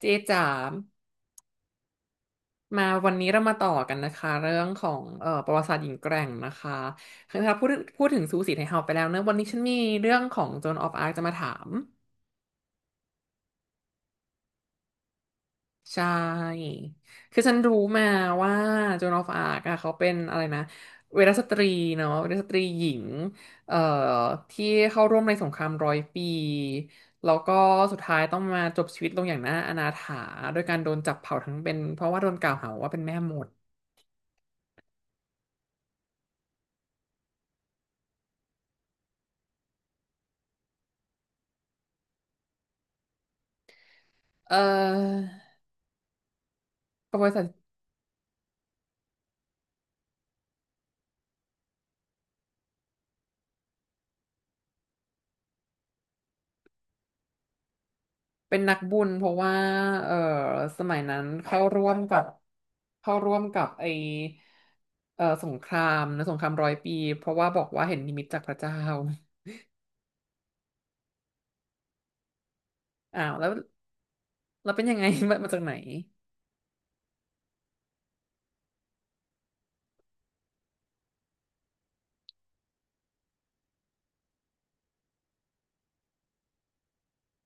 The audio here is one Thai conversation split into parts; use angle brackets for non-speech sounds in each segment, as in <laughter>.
เจจ๋ามาวันนี้เรามาต่อกันนะคะเรื่องของประวัติศาสตร์หญิงแกร่งนะคะคือถ้าพูดถึงซูสีไทยเฮาไปแล้วเนอะวันนี้ฉันมีเรื่องของโจนออฟอาร์จะมาถามใช่คือฉันรู้มาว่าโจนออฟอาร์อะเขาเป็นอะไรนะเวรสตรีเนาะเวรสตรีหญิงเอ่อที่เข้าร่วมในสงครามร้อยปีแล้วก็สุดท้ายต้องมาจบชีวิตลงอย่างน่าอนาถาโดยการโดนจับเผาทั้งเป็นเพราะว่าโดนกล่าวหาว่าเป็นแม่มดเออ บบริษัทเป็นนักบุญเพราะว่าเออสมัยนั้นเข้าร่วมกับไอเออสงครามนะสงครามร้อยปีเพราะว่าบอกว่าเห็นนิมิตจากพระเจ้าอ้าวแล้วเราเป็นยังไง <laughs> มาจากไหน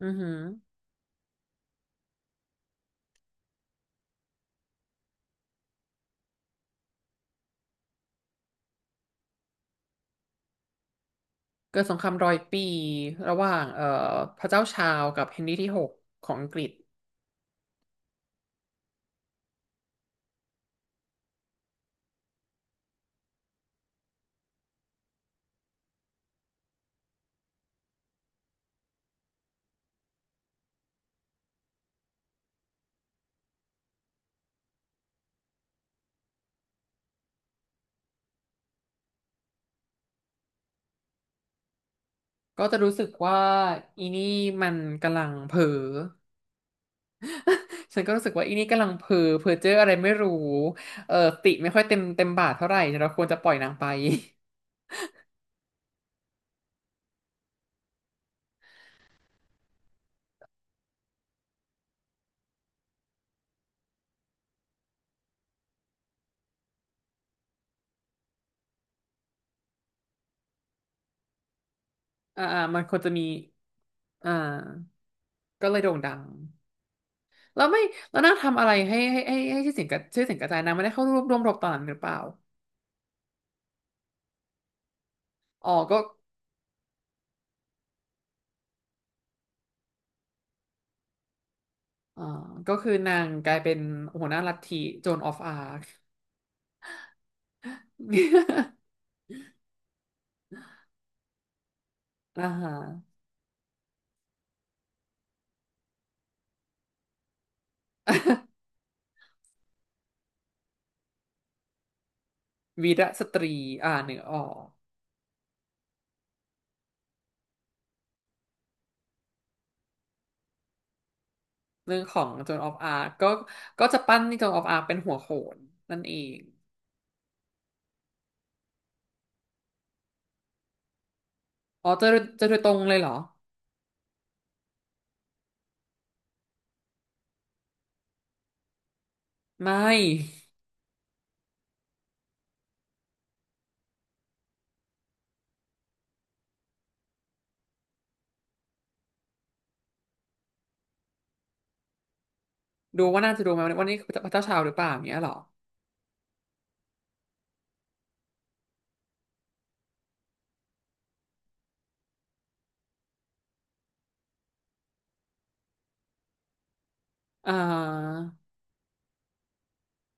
อือหือเกิดสงครามร้อยปีระหว่างพระเจ้าชาวกับเฮนรี่ที่หกของอังกฤษก็จะรู้สึกว่าอีนี่มันกำลังเผลอ ฉันก็รู้สึกว่าอีนี่กำลังเพ้อเจ้ออะไรไม่รู้เออติไม่ค่อยเต็มบาทเท่าไหร่เราควรจะปล่อยนางไปอ่ามันควรจะมีอ่าก็เลยโด่งดังแล้วไม่แล้วนางทำอะไรให้ชื่อเสียงกระชื่อเสียงกระจายนางไม่ได้เข้าร่วมรบตอนนั้นหรือเปล่าอ๋อก็อ่าก็คือนางกลายเป็นหัวหน้าลัทธิโจนออฟอาร์ค <laughs> อ่าฮะวีรสตรีอ่าหนึ่งออกเรื่องของโจนออฟอาร์คก็ก็จะปั้นโจนออฟอาร์คเป็นหัวโขนนั่นเอง อ๋อเจอเจอโดยตรงเลยเหรอไม่ดูว่าน่าจะดูไหมวันนี้พระเจ้าชาวหรือเปล่าอย่างเงี้ยเหรออ่า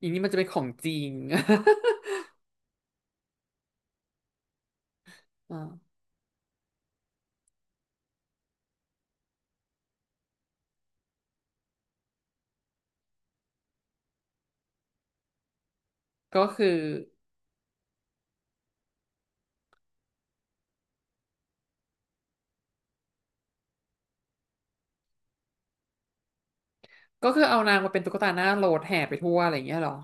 อย่างนี้มันจะเป็นของจริง <laughs> อ่าก็คือก็คือเอานางมาเป็นตุ๊กตาหน้าโหลดแห่ไปทั่วอะไรอย่างเงี้ยเหรอ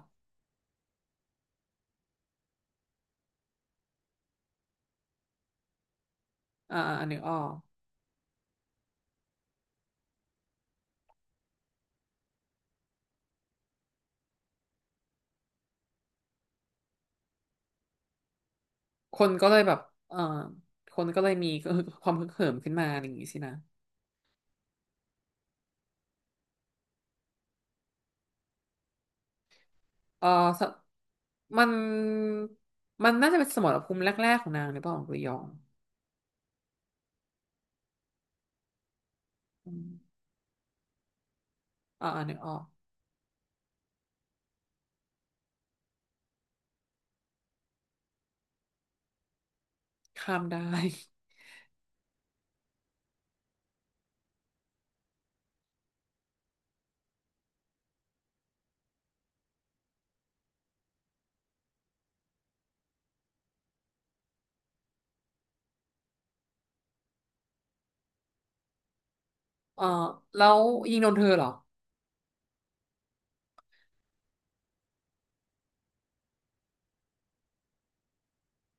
อ่าอันนึกออกคนก็เลยแบบเอ่อคนก็เลยมีความฮึกเหิมขึ้นมาอะไรอย่างงี้สินะเออสมันมันน่าจะเป็นสมรภูมิแรกๆของนางหรือเปล่าของกุยองอืมอ่าอันนึกออกข้ามได้ เออแล้วยิงโดนเธอเหรอ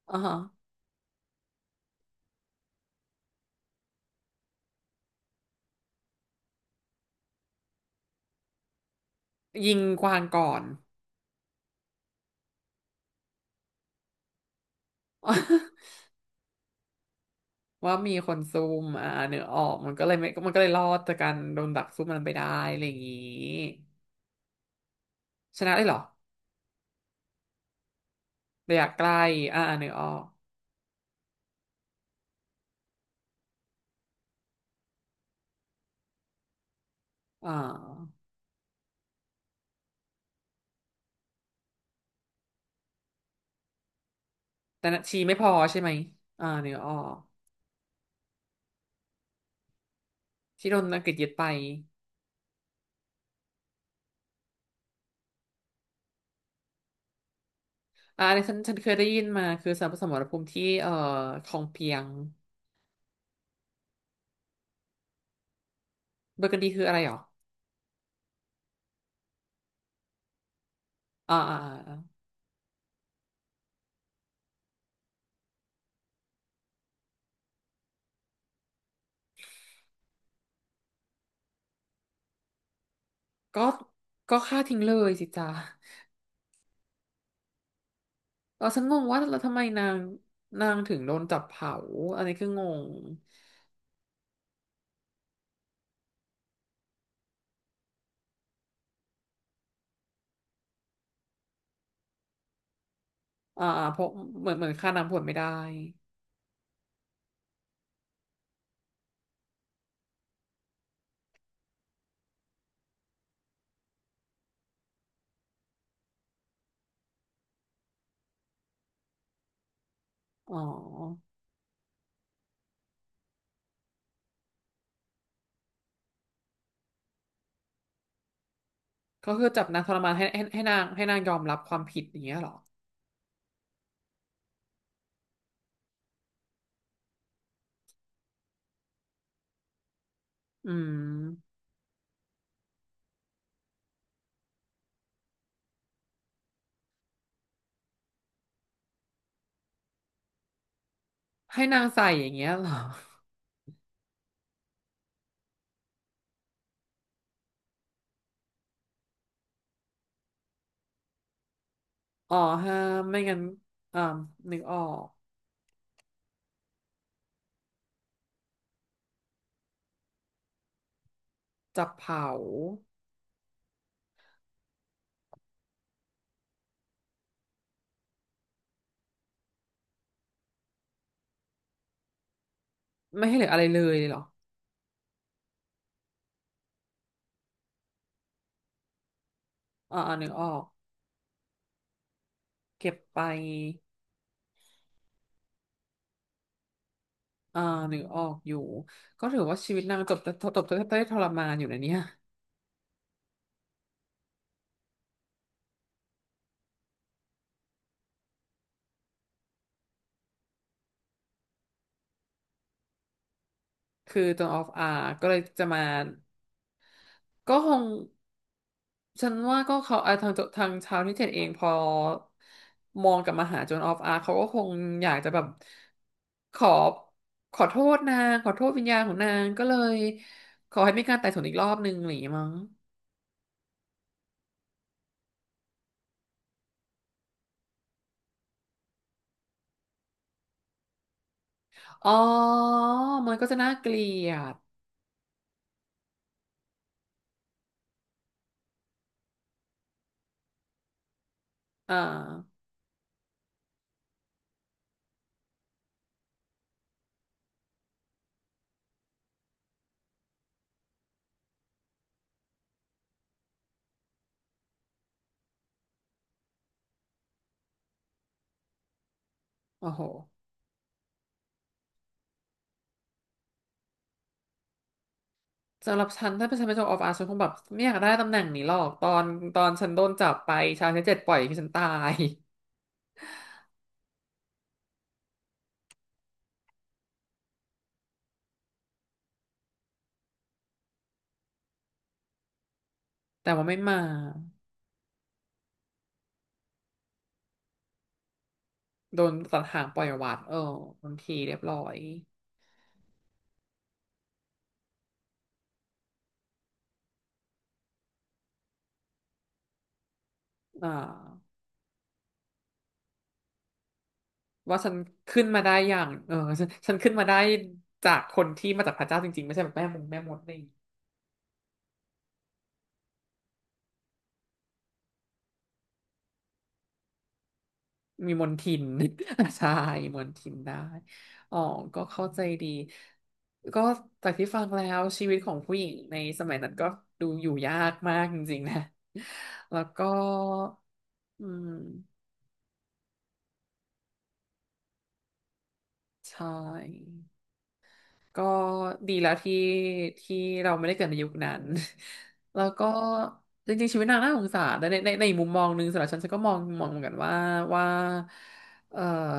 อ่าฮะยิงกวางก่อน <laughs> ว่ามีคนซุ่มอ่าเนื้อออกมันก็เลยไม่มันก็เลยรอดจากการโดนดักซุ่มมันไปได้อะไรอย่างงี้ชนะได้เหรอระยะไกลอ่าเนื้อออกอ่าแต่นะชีไม่พอใช่ไหมอ่าเนื้อออกที่โดนอังกฤษยึดไปอ่าอันนี้ฉันเคยได้ยินมาคือสมรภูมิที่คลองเปียงเบอร์กันดีคืออะไรเหรออ่าอ่าอ่าก็ก็ฆ่าทิ้งเลยสิจ้า เราฉันงงว่าแล้วทำไมนางถึงโดนจับเผาอันนี้คืองงอ่าเพราะเหมือนฆ่านางผลไม่ได้อ๋อก็คือจับนางทรมานให้นางยอมรับความผิดอย่างเงี้ยเหรออืมให้นางใส่อย่างเงี้ยเหรออ๋อฮะไม่งั้นอ่านึกออกจับเผาไม่ให้เหลืออะไรเลยเหรออ่านึกออกเก็บไปอ่านึกออกอยู่ก็ถือว่าชีวิตนางจบได้ทรมานอยู่นะเนี่ย คือตอนออฟอาร์ก็เลยจะมาก็คงฉันว่าก็เขาอ่ะทางชาวนิเทศเองพอมองกลับมาหาโจนออฟอาร์เขาก็คงอยากจะแบบขอขอโทษนางขอโทษวิญญาณของนางก็เลยขอให้มีการไต่สวนอีกรอบนึงหรืออย่างงี้มั้งอ๋อมันก็จะน่าเกลียดอ่าโอ้โหสำหรับฉันถ้าเป็นฉันเป็นโจนออฟอาร์ฉันคงแบบไม่อยากได้ตำแหน่งนี้หรอกตอนฉันโดนจับไปชาวนิเทศปล่อยให้ฉันตาย แต่ว่าไม่มาโดนตัดหางปล่อยวัดเออบางทีเรียบร้อยอ่าว่าฉันขึ้นมาได้อย่างเออฉันขึ้นมาได้จากคนที่มาจากพระเจ้าจริงๆไม่ใช่แบบแม่มงแม่มดนี่มีมนทิน <laughs> ใช่มนทินได้อ๋อก็เข้าใจดีก็จากที่ฟังแล้วชีวิตของผู้หญิงในสมัยนั้นก็ดูอยู่ยากมากจริงๆนะแล้วก็อืมใช่ ก็ดีแล้วที่เราไม่ได้เกิดในยุคนั้น <laughs> แล้วก็จริงๆชีวิตนางน่าสงสารแต่ในอีกมุมมองหนึ่งสำหรับฉันฉันก็มองเหมือนกันว่าว่าเออ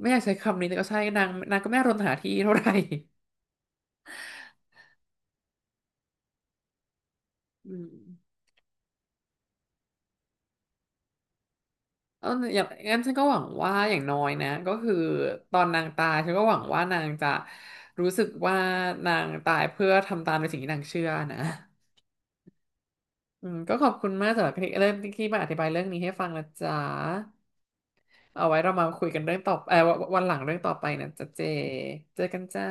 ไม่อยากใช้คำนี้แต่ก็ใช่นางก็ไม่รนหาที่เท่าไหร่อืมเอออย่างงั้นฉันก็หวังว่าอย่างน้อยนะก็คือตอนนางตายฉันก็หวังว่านางจะรู้สึกว่านางตายเพื่อทำตามในสิ่งที่นางเชื่อนะอืมก็ขอบคุณมากสำหรับที่เริ่มที่มาอธิบายเรื่องนี้ให้ฟังนะจ๊ะ เอาไว้เรามาคุยกันเรื่องต่อเออวันหลังเรื่องต่อไปนะจ๊ะเจเจอกันจ้า